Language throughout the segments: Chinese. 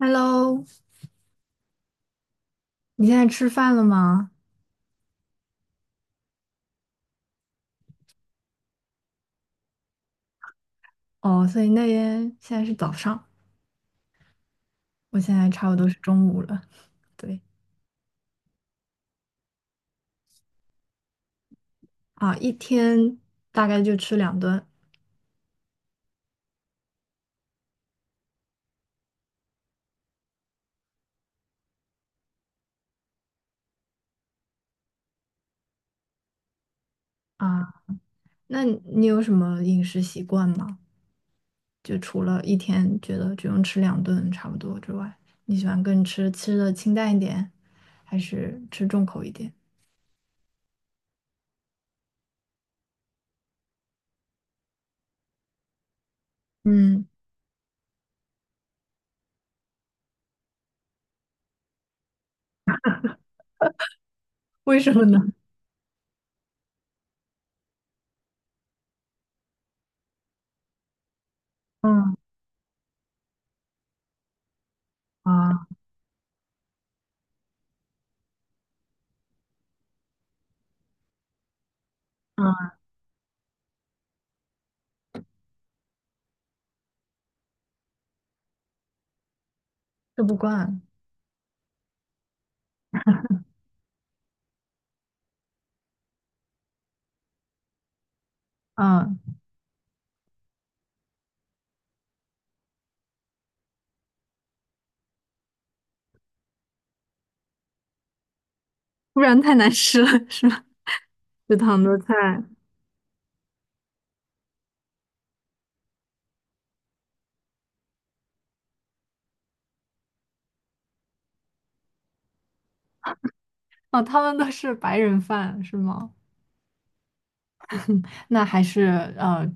Hello，你现在吃饭了吗？哦，所以那边现在是早上，我现在差不多是中午了。对啊，一天大概就吃两顿啊。那你有什么饮食习惯吗？就除了一天觉得只用吃两顿差不多之外，你喜欢更吃吃的清淡一点，还是吃重口一点？嗯，为什么呢？嗯啊，啊，吃不惯，嗯，不然太难吃了，是吧？食堂的菜。哦，他们都是白人饭是吗？那还是呃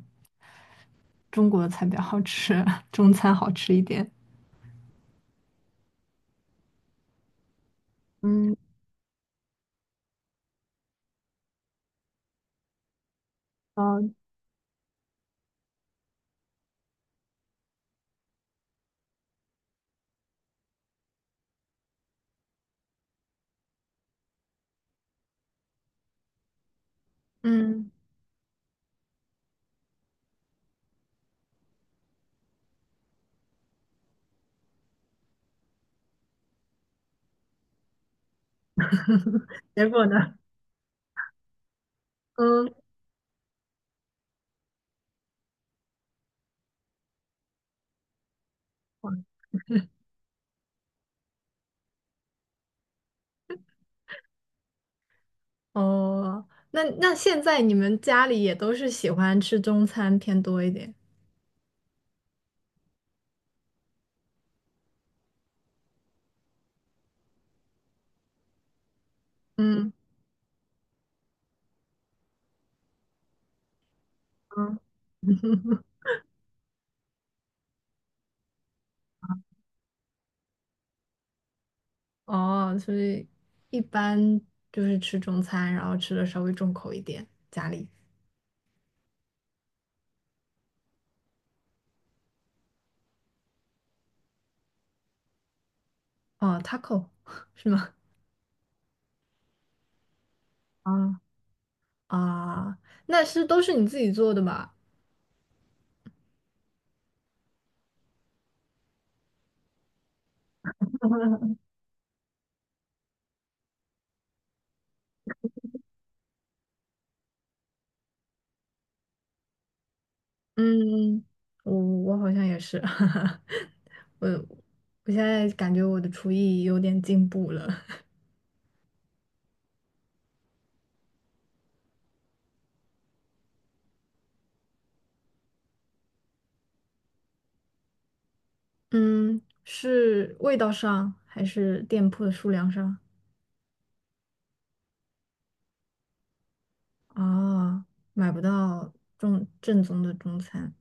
中国的菜比较好吃，中餐好吃一点。嗯，哦，嗯，结果呢？嗯，哦，那那现在你们家里也都是喜欢吃中餐偏多一点。嗯，嗯，哦，所以一般就是吃中餐，然后吃的稍微重口一点。家里哦，taco 是吗？啊，啊，那是都是你自己做的吧？嗯，我好像也是，我我现在感觉我的厨艺有点进步了。嗯，是味道上还是店铺的数量上？啊，买不到正正宗的中餐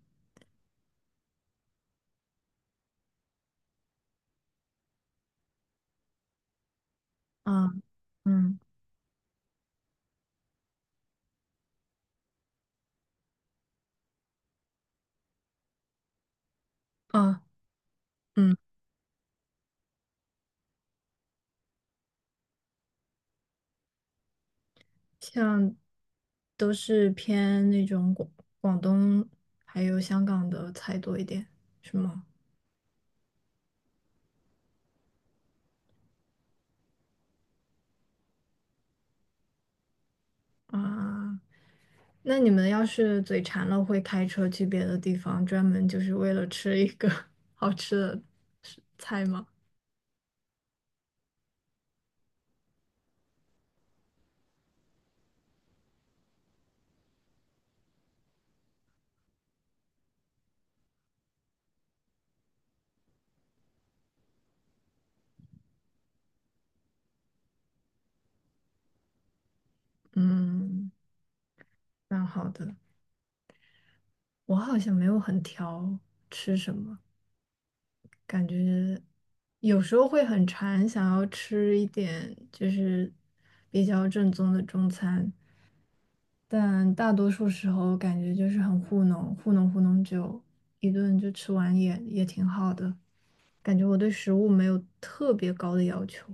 啊，嗯啊嗯，像都是偏那种广广东还有香港的菜多一点，是吗？啊，那你们要是嘴馋了，会开车去别的地方，专门就是为了吃一个 好吃的食菜吗？嗯，蛮好的。我好像没有很挑吃什么，感觉有时候会很馋，想要吃一点就是比较正宗的中餐，但大多数时候感觉就是很糊弄，糊弄糊弄就一顿就吃完也也挺好的。感觉我对食物没有特别高的要求。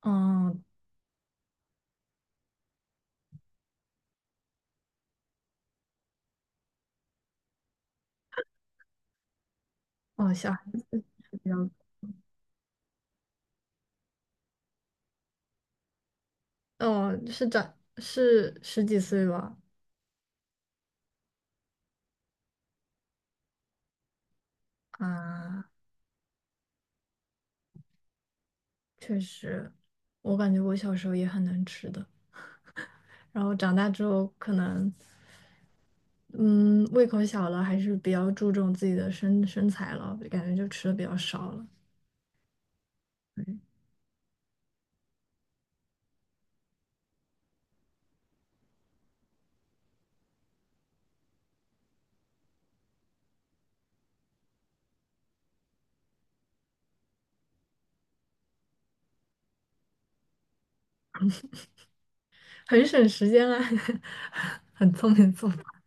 嗯，哦，小孩子比较，哦，是长是十几岁吧？啊，确实，我感觉我小时候也很能吃的，然后长大之后可能，嗯，胃口小了，还是比较注重自己的身身材了，感觉就吃的比较少了。很省时间啊，很聪明的做法。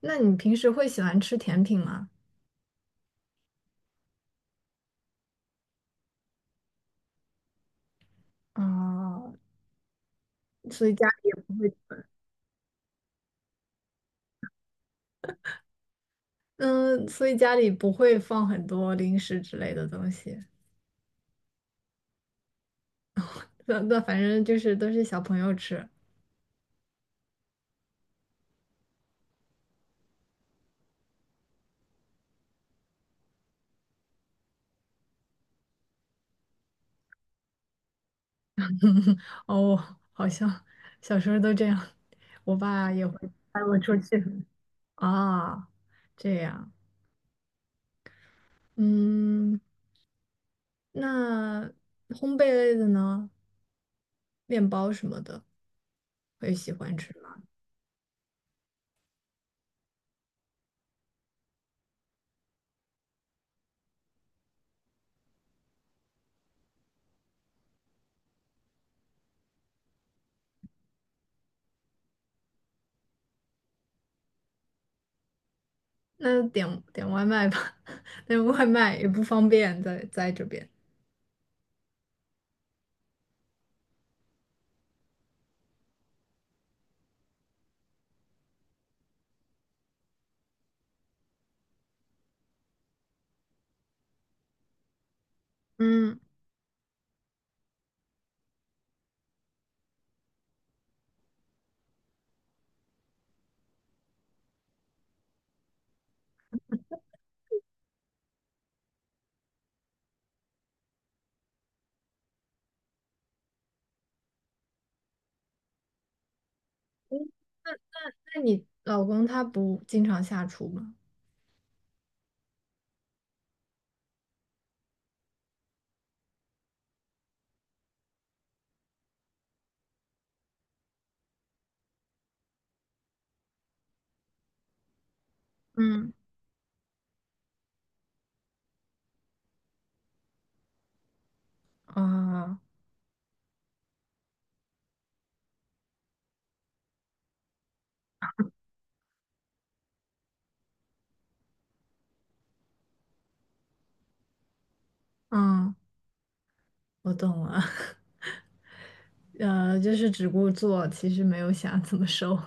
那你平时会喜欢吃甜品吗？啊，所以家里也不会，嗯，所以家里不会放很多零食之类的东西。那那反正就是都是小朋友吃。哦，好像小时候都这样，我爸也会 带我出去。啊，这样，嗯，那烘焙类的呢，面包什么的，我也喜欢吃。那点点外卖吧，那外卖也不方便在在这边。嗯嗯那那你老公他不经常下厨吗？嗯啊，嗯，我懂了。就是只顾做，其实没有想怎么收，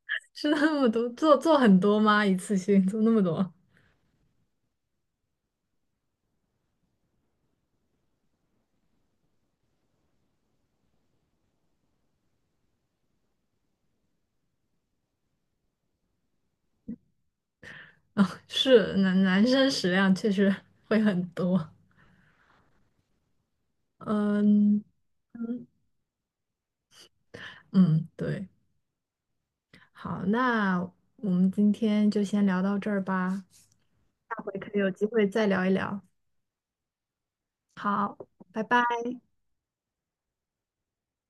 吃那么多，做做很多吗？一次性做那么多？啊，是男男生食量确实会很多。嗯嗯嗯，对，好，那我们今天就先聊到这儿吧，下回可以有机会再聊一聊。好，拜拜。